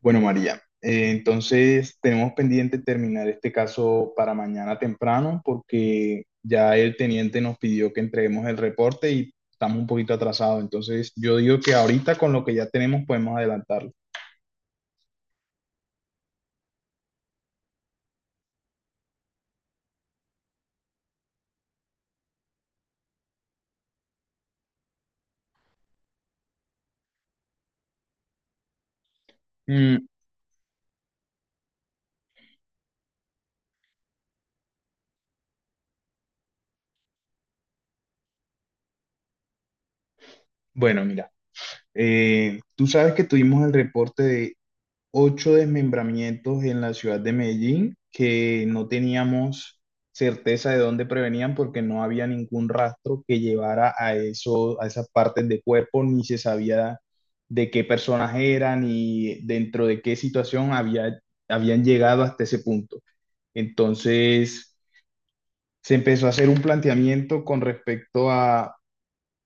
Bueno, María, entonces tenemos pendiente terminar este caso para mañana temprano porque ya el teniente nos pidió que entreguemos el reporte y estamos un poquito atrasados. Entonces yo digo que ahorita con lo que ya tenemos podemos adelantarlo. Mm, bueno, mira, tú sabes que tuvimos el reporte 8 desmembramientos en la ciudad de Medellín que no teníamos certeza de dónde provenían porque no había ningún rastro que llevara a eso, a esas partes de cuerpo, ni se sabía de qué personas eran ni dentro de qué situación había, habían llegado hasta ese punto. Entonces, se empezó a hacer un planteamiento con respecto a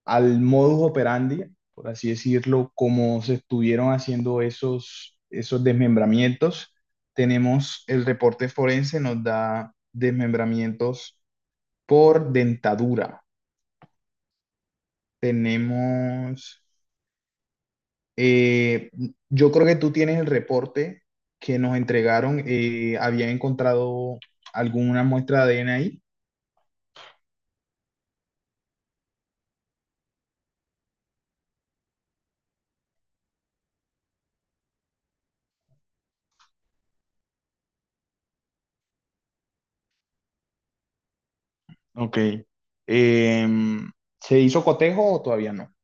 al modus operandi, por así decirlo, como se estuvieron haciendo esos desmembramientos. Tenemos el reporte forense, nos da desmembramientos por dentadura. Tenemos, eh, yo creo que tú tienes el reporte que nos entregaron, habían encontrado alguna muestra de ADN ahí. Ok. Em, ¿Se hizo cotejo o todavía no?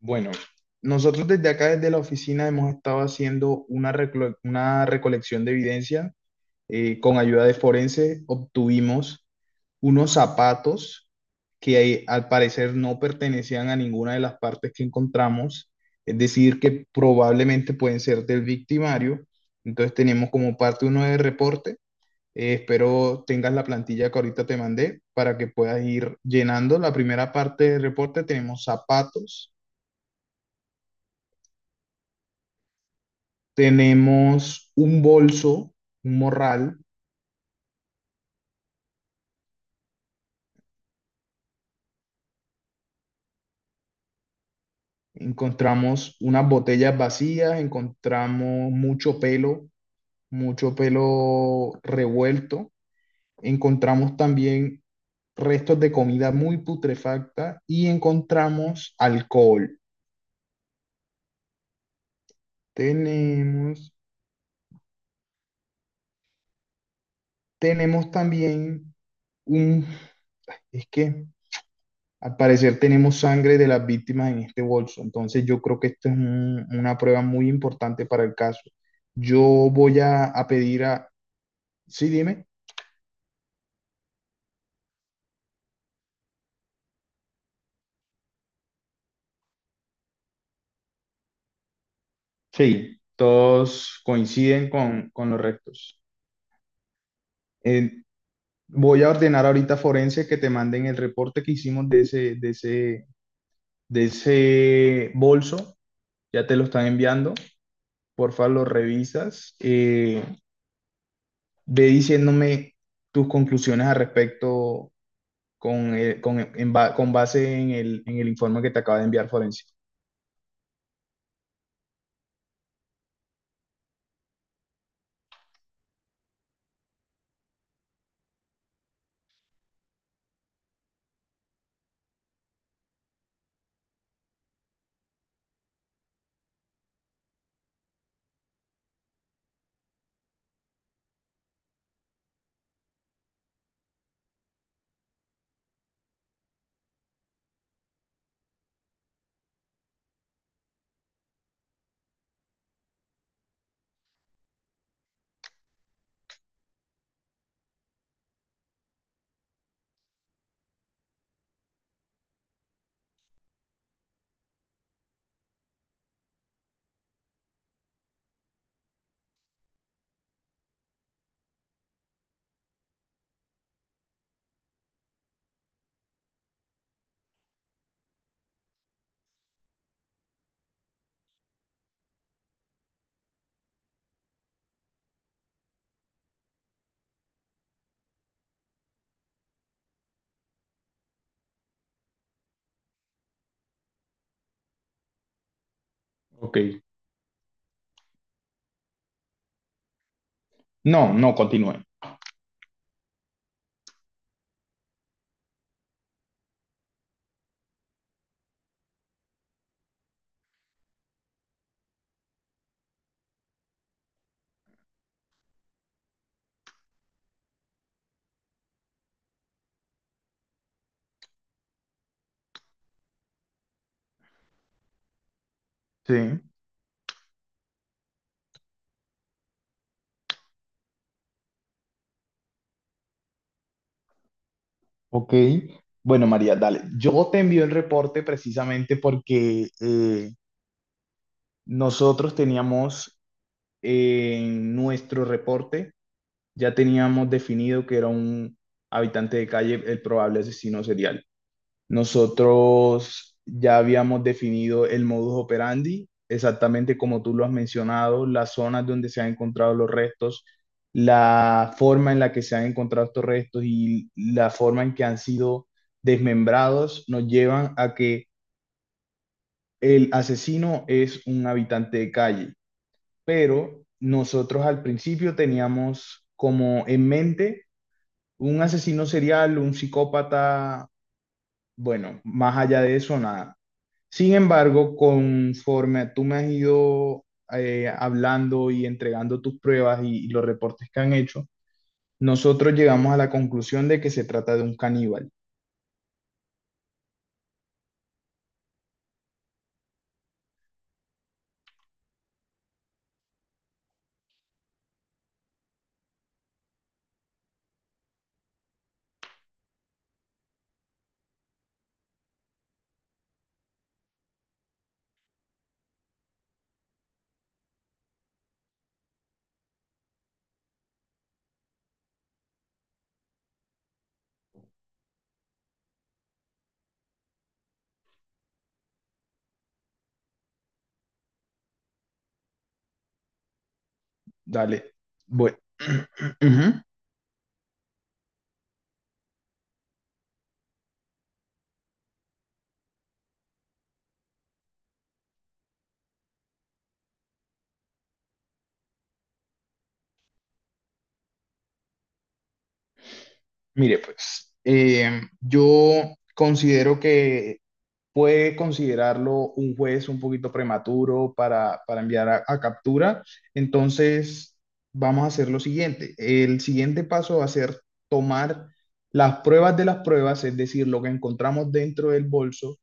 Bueno, nosotros desde acá, desde la oficina, hemos estado haciendo una recolección de evidencia. Con ayuda de forense obtuvimos unos zapatos que al parecer no pertenecían a ninguna de las partes que encontramos, es decir, que probablemente pueden ser del victimario. Entonces tenemos como parte uno de reporte. Espero tengas la plantilla que ahorita te mandé para que puedas ir llenando. La primera parte del reporte tenemos zapatos. Tenemos un bolso, un morral, encontramos unas botellas vacías, encontramos mucho pelo revuelto, encontramos también restos de comida muy putrefacta y encontramos alcohol. Tenemos, tenemos también un, es que Al parecer tenemos sangre de las víctimas en este bolso, entonces yo creo que esto es una prueba muy importante para el caso. Yo voy a pedir a... Sí, dime. Sí, todos coinciden con los restos. Eh, Voy a ordenar ahorita a Forense que te manden el reporte que hicimos de ese bolso. Ya te lo están enviando. Porfa, lo revisas. Ve diciéndome tus conclusiones al respecto con base en en el informe que te acaba de enviar Forense. Ok. No, no, continúe. Sí, ok. Bueno, María, dale. Yo te envío el reporte precisamente porque nosotros teníamos en nuestro reporte, ya teníamos definido que era un habitante de calle el probable asesino serial. Nosotros ya habíamos definido el modus operandi, exactamente como tú lo has mencionado, las zonas donde se han encontrado los restos, la forma en la que se han encontrado estos restos y la forma en que han sido desmembrados nos llevan a que el asesino es un habitante de calle. Pero nosotros al principio teníamos como en mente un asesino serial, un psicópata, bueno, más allá de eso, nada. Sin embargo, conforme tú me has ido hablando y entregando tus pruebas y los reportes que han hecho, nosotros llegamos a la conclusión de que se trata de un caníbal. Dale. Bueno, ujú. Mire, pues yo considero que puede considerarlo un juez un poquito prematuro para enviar a captura. Entonces, vamos a hacer lo siguiente. El siguiente paso va a ser tomar las pruebas de las pruebas, es decir, lo que encontramos dentro del bolso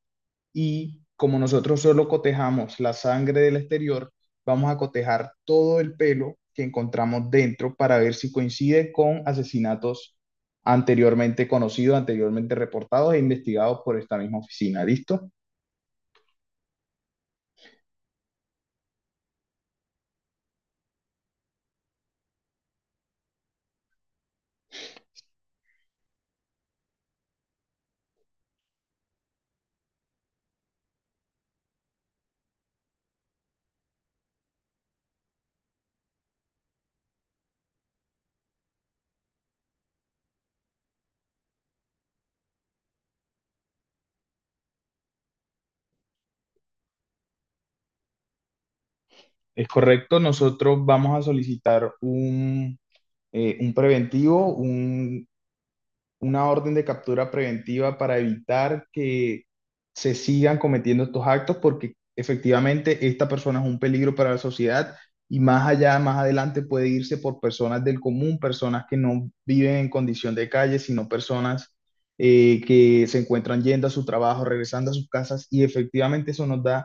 y como nosotros solo cotejamos la sangre del exterior, vamos a cotejar todo el pelo que encontramos dentro para ver si coincide con asesinatos anteriormente conocidos, anteriormente reportados e investigados por esta misma oficina. ¿Listo? Es correcto, nosotros vamos a solicitar un preventivo, un una orden de captura preventiva para evitar que se sigan cometiendo estos actos porque efectivamente esta persona es un peligro para la sociedad y más allá, más adelante puede irse por personas del común, personas que no viven en condición de calle, sino personas que se encuentran yendo a su trabajo, regresando a sus casas y efectivamente eso nos da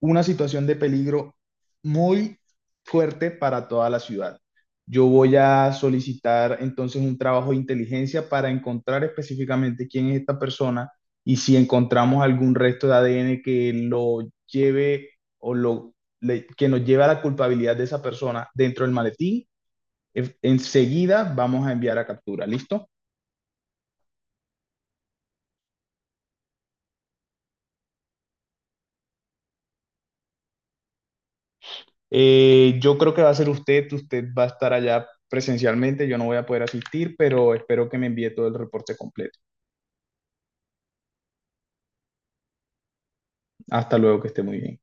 una situación de peligro muy fuerte para toda la ciudad. Yo voy a solicitar entonces un trabajo de inteligencia para encontrar específicamente quién es esta persona y si encontramos algún resto de ADN que lo lleve o lo, que nos lleve a la culpabilidad de esa persona dentro del maletín, enseguida vamos a enviar a captura, ¿listo? Yo creo que va a ser usted, usted va a estar allá presencialmente, yo no voy a poder asistir, pero espero que me envíe todo el reporte completo. Hasta luego, que esté muy bien.